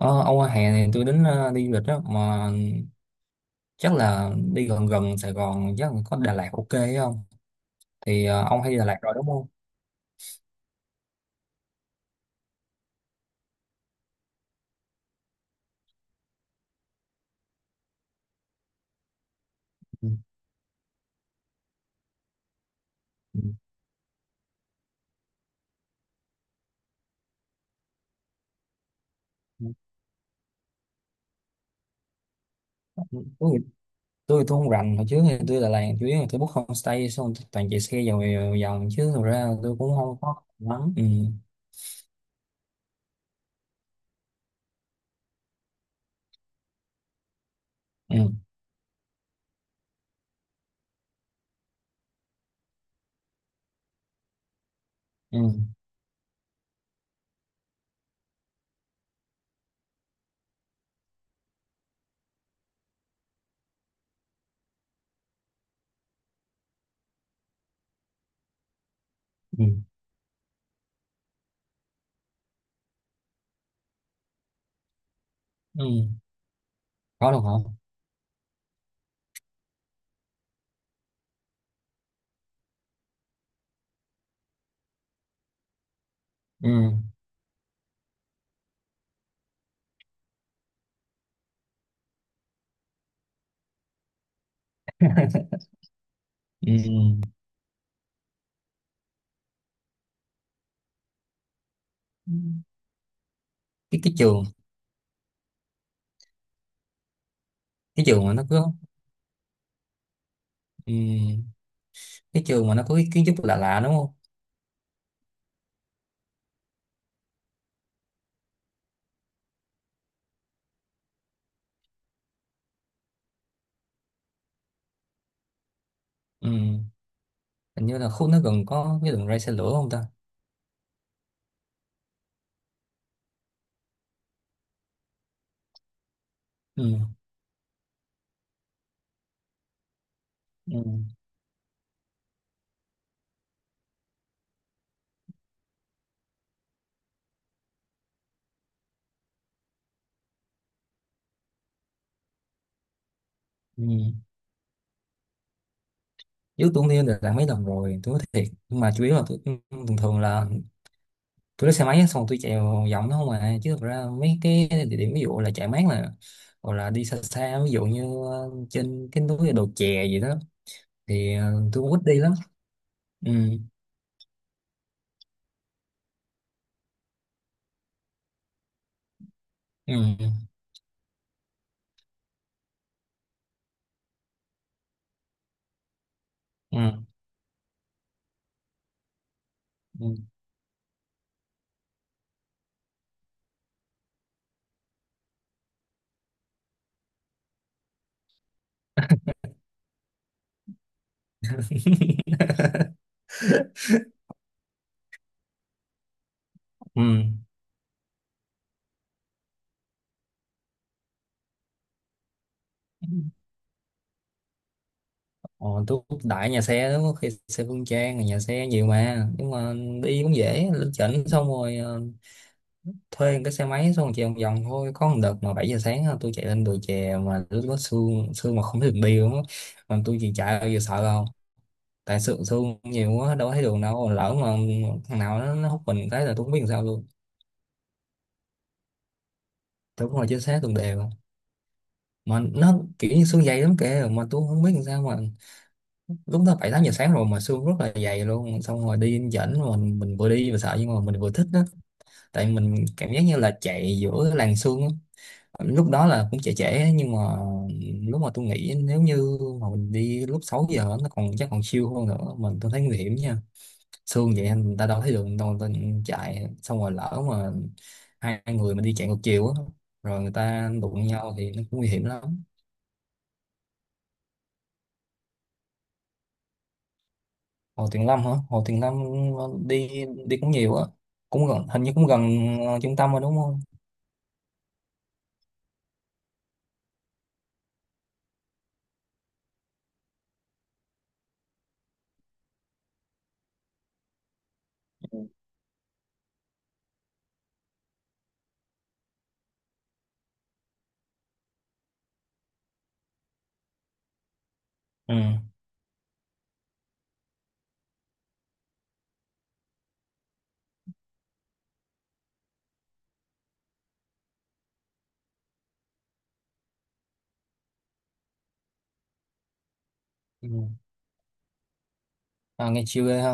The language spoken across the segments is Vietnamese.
Ờ, Âu hè này tôi đi du lịch đó mà chắc là đi gần gần Sài Gòn, chắc là có Đà Lạt ok ấy không? Thì ông hay đi Đà Lạt rồi đúng không? Ừ. Ừ. Tôi thì- tôi thì tôi không rành, hồi trước thì tôi Đà Lạt chủ yếu là tôi book homestay xong tôi toàn chạy xe vòng vòng chứ thực ra tôi cũng không có lắm. Ừ. Ừ. Ừ. Ừ. Ừ. Có được không? Ừ. Ừ. Cái trường, cái trường mà nó cứ, ừ, cái trường mà nó có cái kiến trúc lạ lạ đúng không? Ừ. Hình như là khu nó gần có cái đường ray xe lửa không ta? Ừ. Ừ. Ừ. Trước tôi cũng đi được mấy lần rồi, tôi nói thiệt, nhưng mà chủ yếu là tôi thường thường là tôi lấy xe máy á, xong tôi chạy vòng vòng đó không à, chứ thực ra mấy cái địa điểm ví dụ là chạy mát là, hoặc là đi xa xa ví dụ như trên cái núi đồ chè gì đó thì tôi cũng ít đi lắm. Ừ. Ừ. Ừ. Ừ. Ừ. Ờ, tôi đại nhà xe lắm, có khi xe Phương Trang nhà xe nhiều mà, nhưng mà đi cũng dễ, lên trển xong rồi thuê một cái xe máy xong rồi chạy vòng vòng thôi. Có một đợt mà 7 giờ sáng á, tôi chạy lên đồi chè mà lúc đó sương sương mà không thấy đường đi luôn á. Mà tôi chỉ chạy, bây giờ sợ đâu, tại sương sương nhiều quá đâu có thấy đường đâu, lỡ mà thằng nào nó hút mình cái là tôi không biết làm sao luôn. Tôi cũng ngồi trên xe tuần đều, mà nó kiểu như sương dày lắm kìa, mà tôi không biết làm sao mà lúc đó 7 8 giờ sáng rồi mà sương rất là dày luôn, xong rồi đi dẫn mà mình vừa đi vừa sợ nhưng mà mình vừa thích đó. Tại mình cảm giác như là chạy giữa làn sương á. Lúc đó là cũng trễ trễ á, nhưng mà lúc mà tôi nghĩ nếu như mà mình đi lúc 6 giờ á, nó còn chắc còn siêu hơn nữa. Mình tôi thấy nguy hiểm nha. Sương vậy người ta đâu thấy đường đâu, người ta chạy xong rồi lỡ mà hai người mà đi chạy ngược chiều á, rồi người ta đụng nhau thì nó cũng nguy hiểm lắm. Hồ Tuyền Lâm hả? Hồ Tuyền Lâm, đi đi cũng nhiều á, cũng gần, hình như cũng gần trung tâm rồi đúng không? Ừ. Ừ. À, nghe chill ghê ha.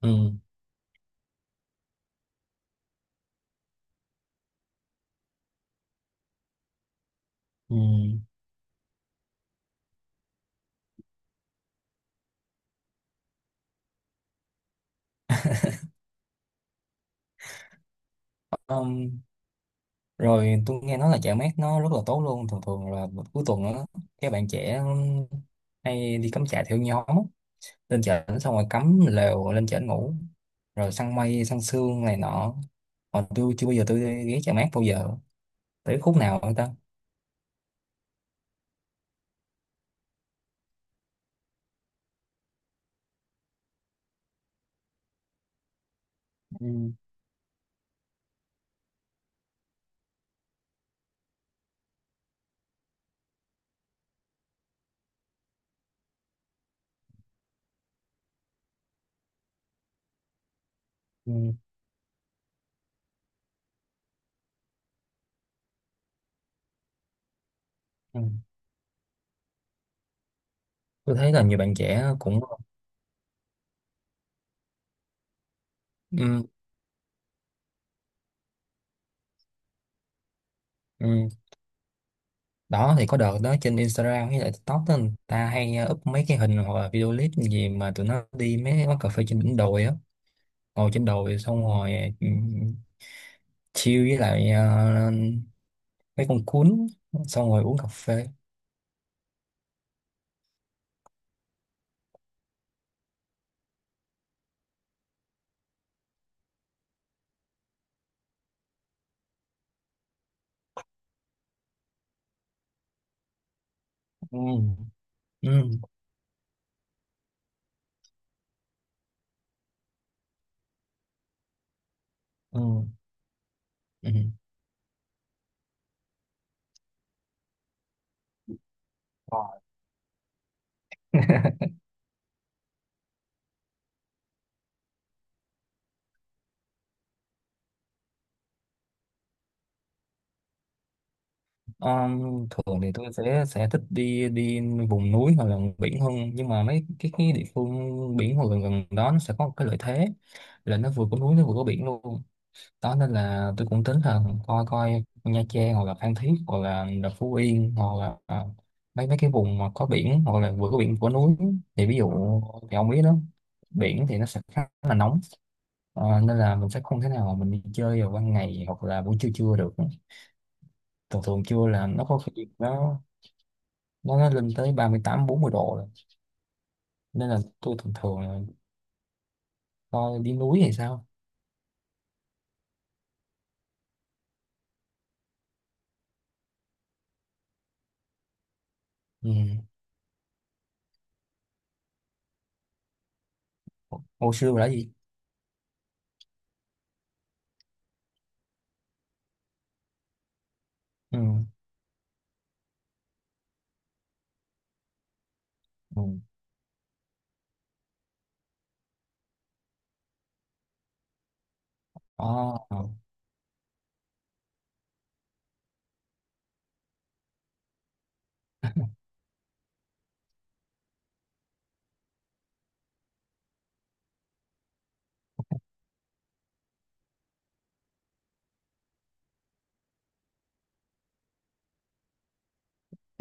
Ừ. Ừ. Um, Rồi tôi nghe nói là chợ mát nó rất là tốt luôn, thường thường là cuối tuần á các bạn trẻ hay đi cắm trại theo nhóm á. Lên chợ xong rồi cắm lều lên chợ ngủ, rồi săn mây săn sương này nọ. Còn tôi chưa bao giờ tôi đi ghé chợ mát bao giờ, tới khúc nào người ta. Ừ. Ừ. Ừ. Tôi thấy là nhiều bạn trẻ cũng. Ừ. Ừ. Đó thì có đợt đó trên Instagram với lại TikTok đó, người ta hay up mấy cái hình hoặc là video clip gì mà tụi nó đi mấy quán cà phê trên đỉnh đồi á, ngồi trên đồi xong rồi ừ, chill với lại mấy con cuốn xong rồi uống cà phê. Ừ. Ừ. Ừ. Ừ. Ờ. Um, Thường thì tôi sẽ thích đi đi vùng núi hoặc là biển hơn, nhưng mà mấy cái địa phương biển hoặc gần gần đó nó sẽ có một cái lợi thế. Là nó vừa có núi nó vừa có biển luôn đó, nên là tôi cũng tính là coi coi Nha Trang hoặc là Phan Thiết hoặc là Phú Yên hoặc là mấy mấy cái vùng mà có biển hoặc là vừa có biển vừa có núi. Thì ví dụ thì ông biết đó, biển thì nó sẽ khá là nóng. Nên là mình sẽ không thể nào mà mình đi chơi vào ban ngày hoặc là buổi trưa trưa được. Thường thường trưa là nó có khi nó lên tới 38 40 độ rồi. Nên là tôi thường thường là coi đi núi hay sao. Ừ. Hồi xưa là gì. Ừ. Ừ. Ờ. Ờ.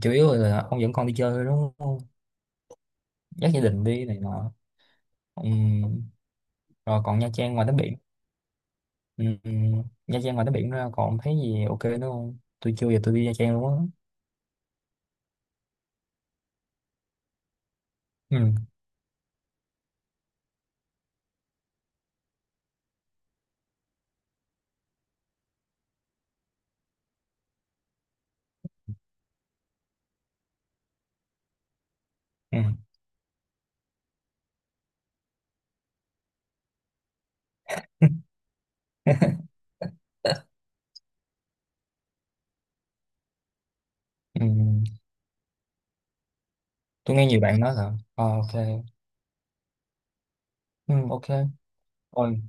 Chủ yếu là ông dẫn con đi chơi thôi đúng không? Dắt gia đình đi này nọ. Ừm. Rồi còn Nha Trang ngoài tắm biển. Ừm. Nha Trang ngoài tắm biển ra còn thấy gì ok nữa không? Tôi chưa giờ tôi đi Nha Trang luôn á. Ừm. Ừm. Ừm. Tôi nghe nhiều bạn nói là ok. Ok. Rồi.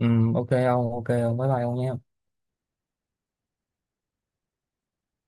Ok ông, ok ông, bye bye ông nha.